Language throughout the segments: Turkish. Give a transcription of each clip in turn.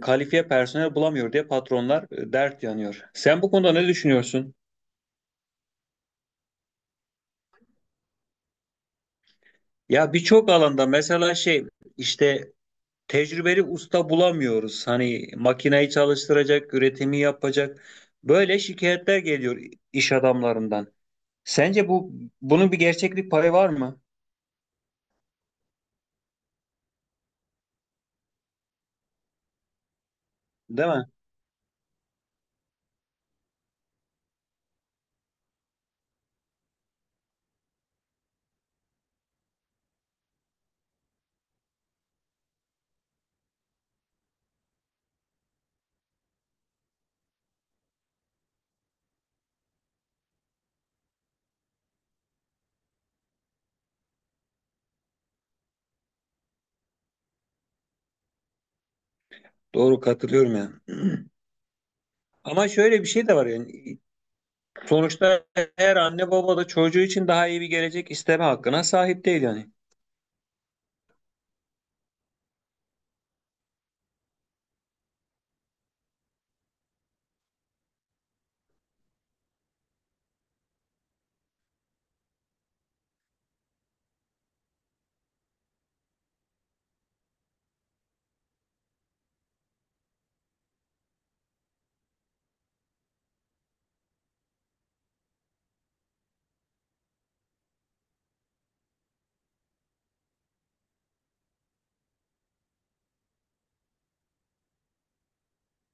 Kalifiye personel bulamıyor diye patronlar dert yanıyor. Sen bu konuda ne düşünüyorsun? Ya birçok alanda mesela işte tecrübeli usta bulamıyoruz. Hani makineyi çalıştıracak, üretimi yapacak. Böyle şikayetler geliyor iş adamlarından. Sence bu Bunun bir gerçeklik payı var mı? Değil mi? Doğru, katılıyorum yani. Ama şöyle bir şey de var yani, sonuçta her anne baba da çocuğu için daha iyi bir gelecek isteme hakkına sahip değil yani.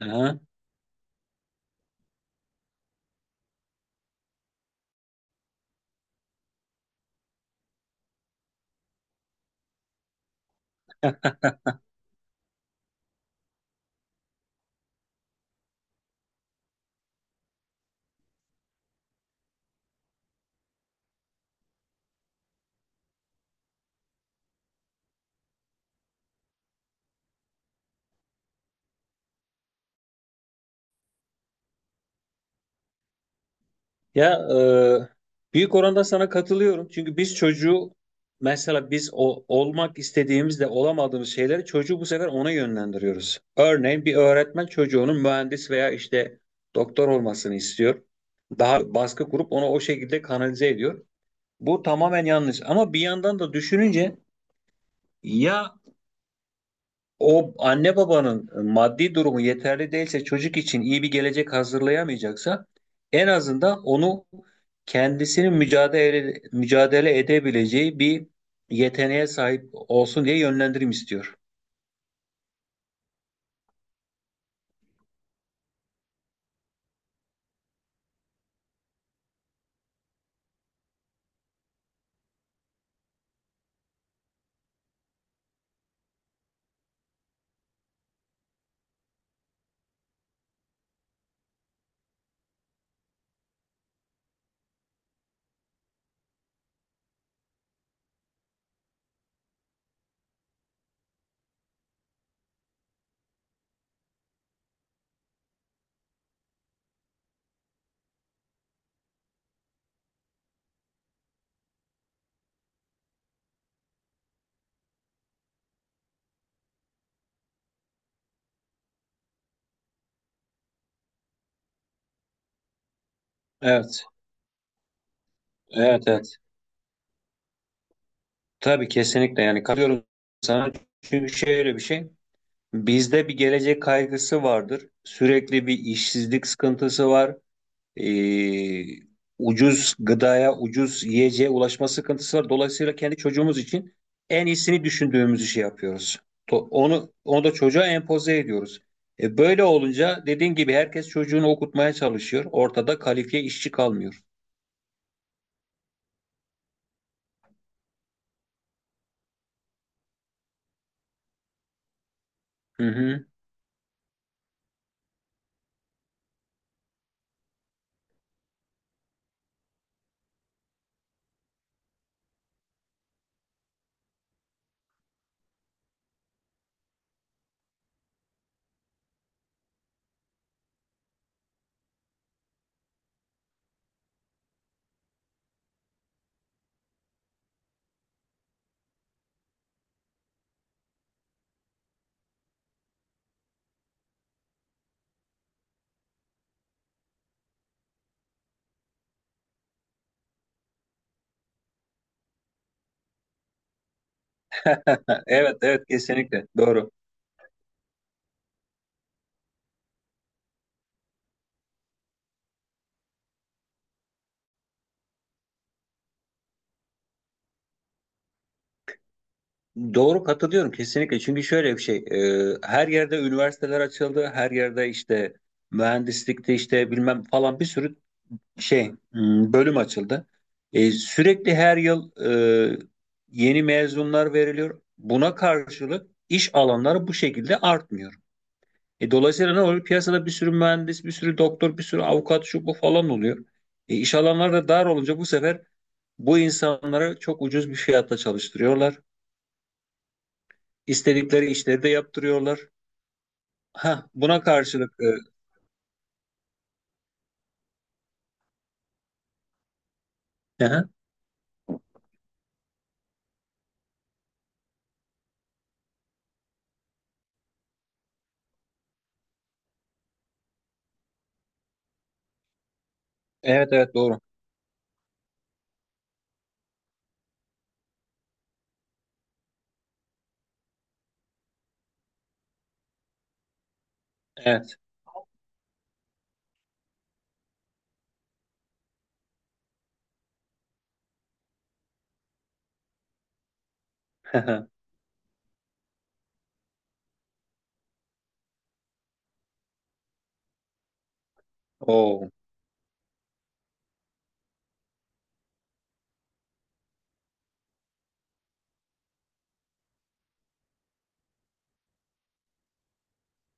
Aha. Ya Büyük oranda sana katılıyorum. Çünkü biz çocuğu, mesela biz olmak istediğimizde olamadığımız şeyleri çocuğu bu sefer ona yönlendiriyoruz. Örneğin bir öğretmen çocuğunun mühendis veya işte doktor olmasını istiyor. Daha baskı kurup onu o şekilde kanalize ediyor. Bu tamamen yanlış. Ama bir yandan da düşününce, ya, o anne babanın maddi durumu yeterli değilse, çocuk için iyi bir gelecek hazırlayamayacaksa, en azından onu kendisinin mücadele edebileceği bir yeteneğe sahip olsun diye yönlendirim istiyor. Evet, evet, evet. Tabii, kesinlikle yani katılıyorum sana. Çünkü şöyle bir şey, bizde bir gelecek kaygısı vardır. Sürekli bir işsizlik sıkıntısı var. e, Ucuz gıdaya, ucuz yiyeceğe ulaşma sıkıntısı var. Dolayısıyla kendi çocuğumuz için en iyisini düşündüğümüz işi yapıyoruz. Onu da çocuğa empoze ediyoruz. Böyle olunca dediğin gibi herkes çocuğunu okutmaya çalışıyor. Ortada kalifiye işçi kalmıyor. Hı hı. Evet, evet, kesinlikle doğru. Doğru, katılıyorum kesinlikle. Çünkü şöyle bir şey, her yerde üniversiteler açıldı, her yerde işte mühendislikte işte bilmem falan bir sürü bölüm açıldı. Sürekli her yıl e, yeni mezunlar veriliyor. Buna karşılık iş alanları bu şekilde artmıyor. Dolayısıyla ne oluyor? Piyasada bir sürü mühendis, bir sürü doktor, bir sürü avukat şu bu falan oluyor. İş alanları da dar olunca bu sefer bu insanları çok ucuz bir fiyatta çalıştırıyorlar. İstedikleri işleri de yaptırıyorlar. Ha, buna karşılık hı hı. Evet, evet, doğru. Evet. Oo,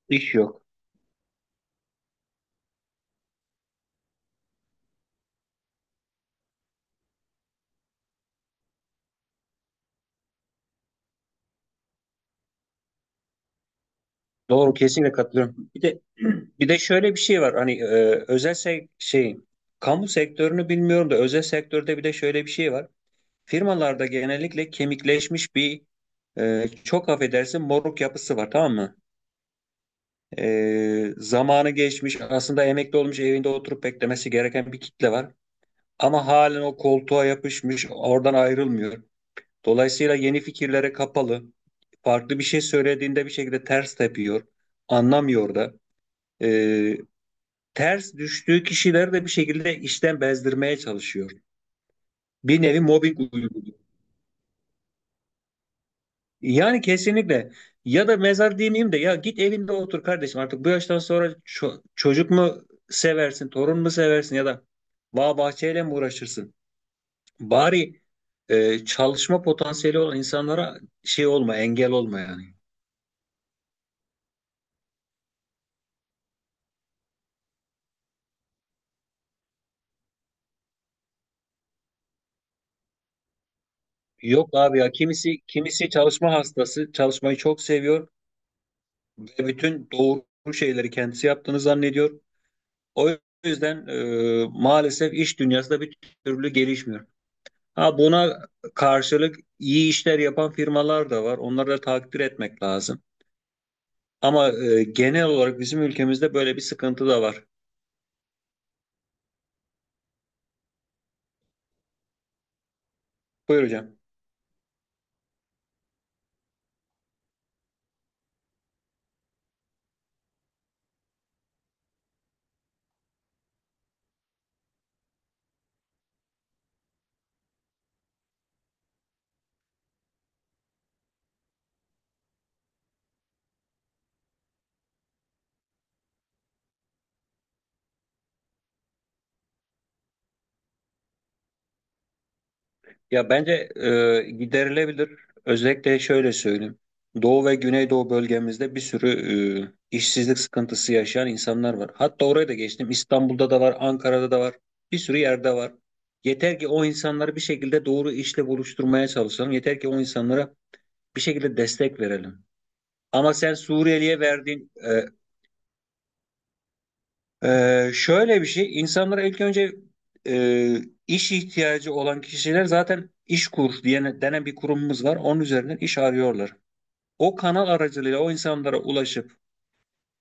iş yok. Doğru, kesinlikle katılıyorum. Bir de bir de şöyle bir şey var. Hani e, özel sek- şey kamu sektörünü bilmiyorum da özel sektörde bir de şöyle bir şey var. Firmalarda genellikle kemikleşmiş bir, çok affedersin, moruk yapısı var, tamam mı? Zamanı geçmiş, aslında emekli olmuş, evinde oturup beklemesi gereken bir kitle var. Ama halen o koltuğa yapışmış, oradan ayrılmıyor. Dolayısıyla yeni fikirlere kapalı. Farklı bir şey söylediğinde bir şekilde ters tepiyor. Anlamıyor da e, ters düştüğü kişileri de bir şekilde işten bezdirmeye çalışıyor. Bir nevi mobbing uyguluyor. Yani kesinlikle, ya da mezar demeyeyim de, ya git evinde otur kardeşim, artık bu yaştan sonra çocuk mu seversin, torun mu seversin, ya da bağ bahçeyle mi uğraşırsın? Bari çalışma potansiyeli olan insanlara şey olma, engel olma yani. Yok abi ya, kimisi çalışma hastası, çalışmayı çok seviyor ve bütün doğru şeyleri kendisi yaptığını zannediyor. O yüzden maalesef iş dünyası da bir türlü gelişmiyor. Ha, buna karşılık iyi işler yapan firmalar da var. Onları da takdir etmek lazım. Ama genel olarak bizim ülkemizde böyle bir sıkıntı da var. Buyur hocam. Ya bence giderilebilir. Özellikle şöyle söyleyeyim. Doğu ve Güneydoğu bölgemizde bir sürü işsizlik sıkıntısı yaşayan insanlar var. Hatta oraya da geçtim. İstanbul'da da var, Ankara'da da var. Bir sürü yerde var. Yeter ki o insanları bir şekilde doğru işle buluşturmaya çalışalım. Yeter ki o insanlara bir şekilde destek verelim. Ama sen Suriyeli'ye verdiğin şöyle bir şey, insanlara ilk önce e, iş ihtiyacı olan kişiler zaten İşkur diye denen bir kurumumuz var. Onun üzerinden iş arıyorlar. O kanal aracılığıyla o insanlara ulaşıp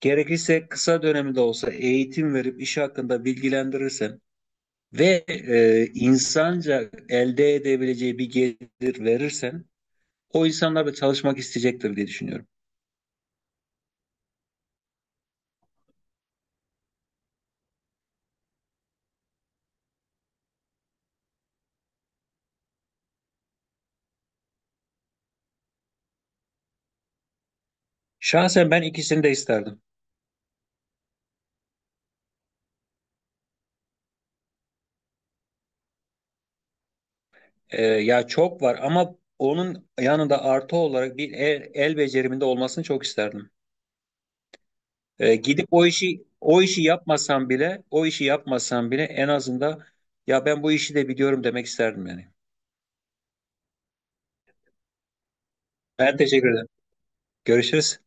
gerekirse kısa dönemde olsa eğitim verip iş hakkında bilgilendirirsen ve insanca elde edebileceği bir gelir verirsen o insanlar da çalışmak isteyecektir diye düşünüyorum. Şahsen ben ikisini de isterdim. Ya çok var, ama onun yanında artı olarak bir el becerimin olmasını çok isterdim. Gidip o işi yapmasam bile, o işi yapmasam bile, en azından ya ben bu işi de biliyorum demek isterdim yani. Ben teşekkür ederim. Görüşürüz.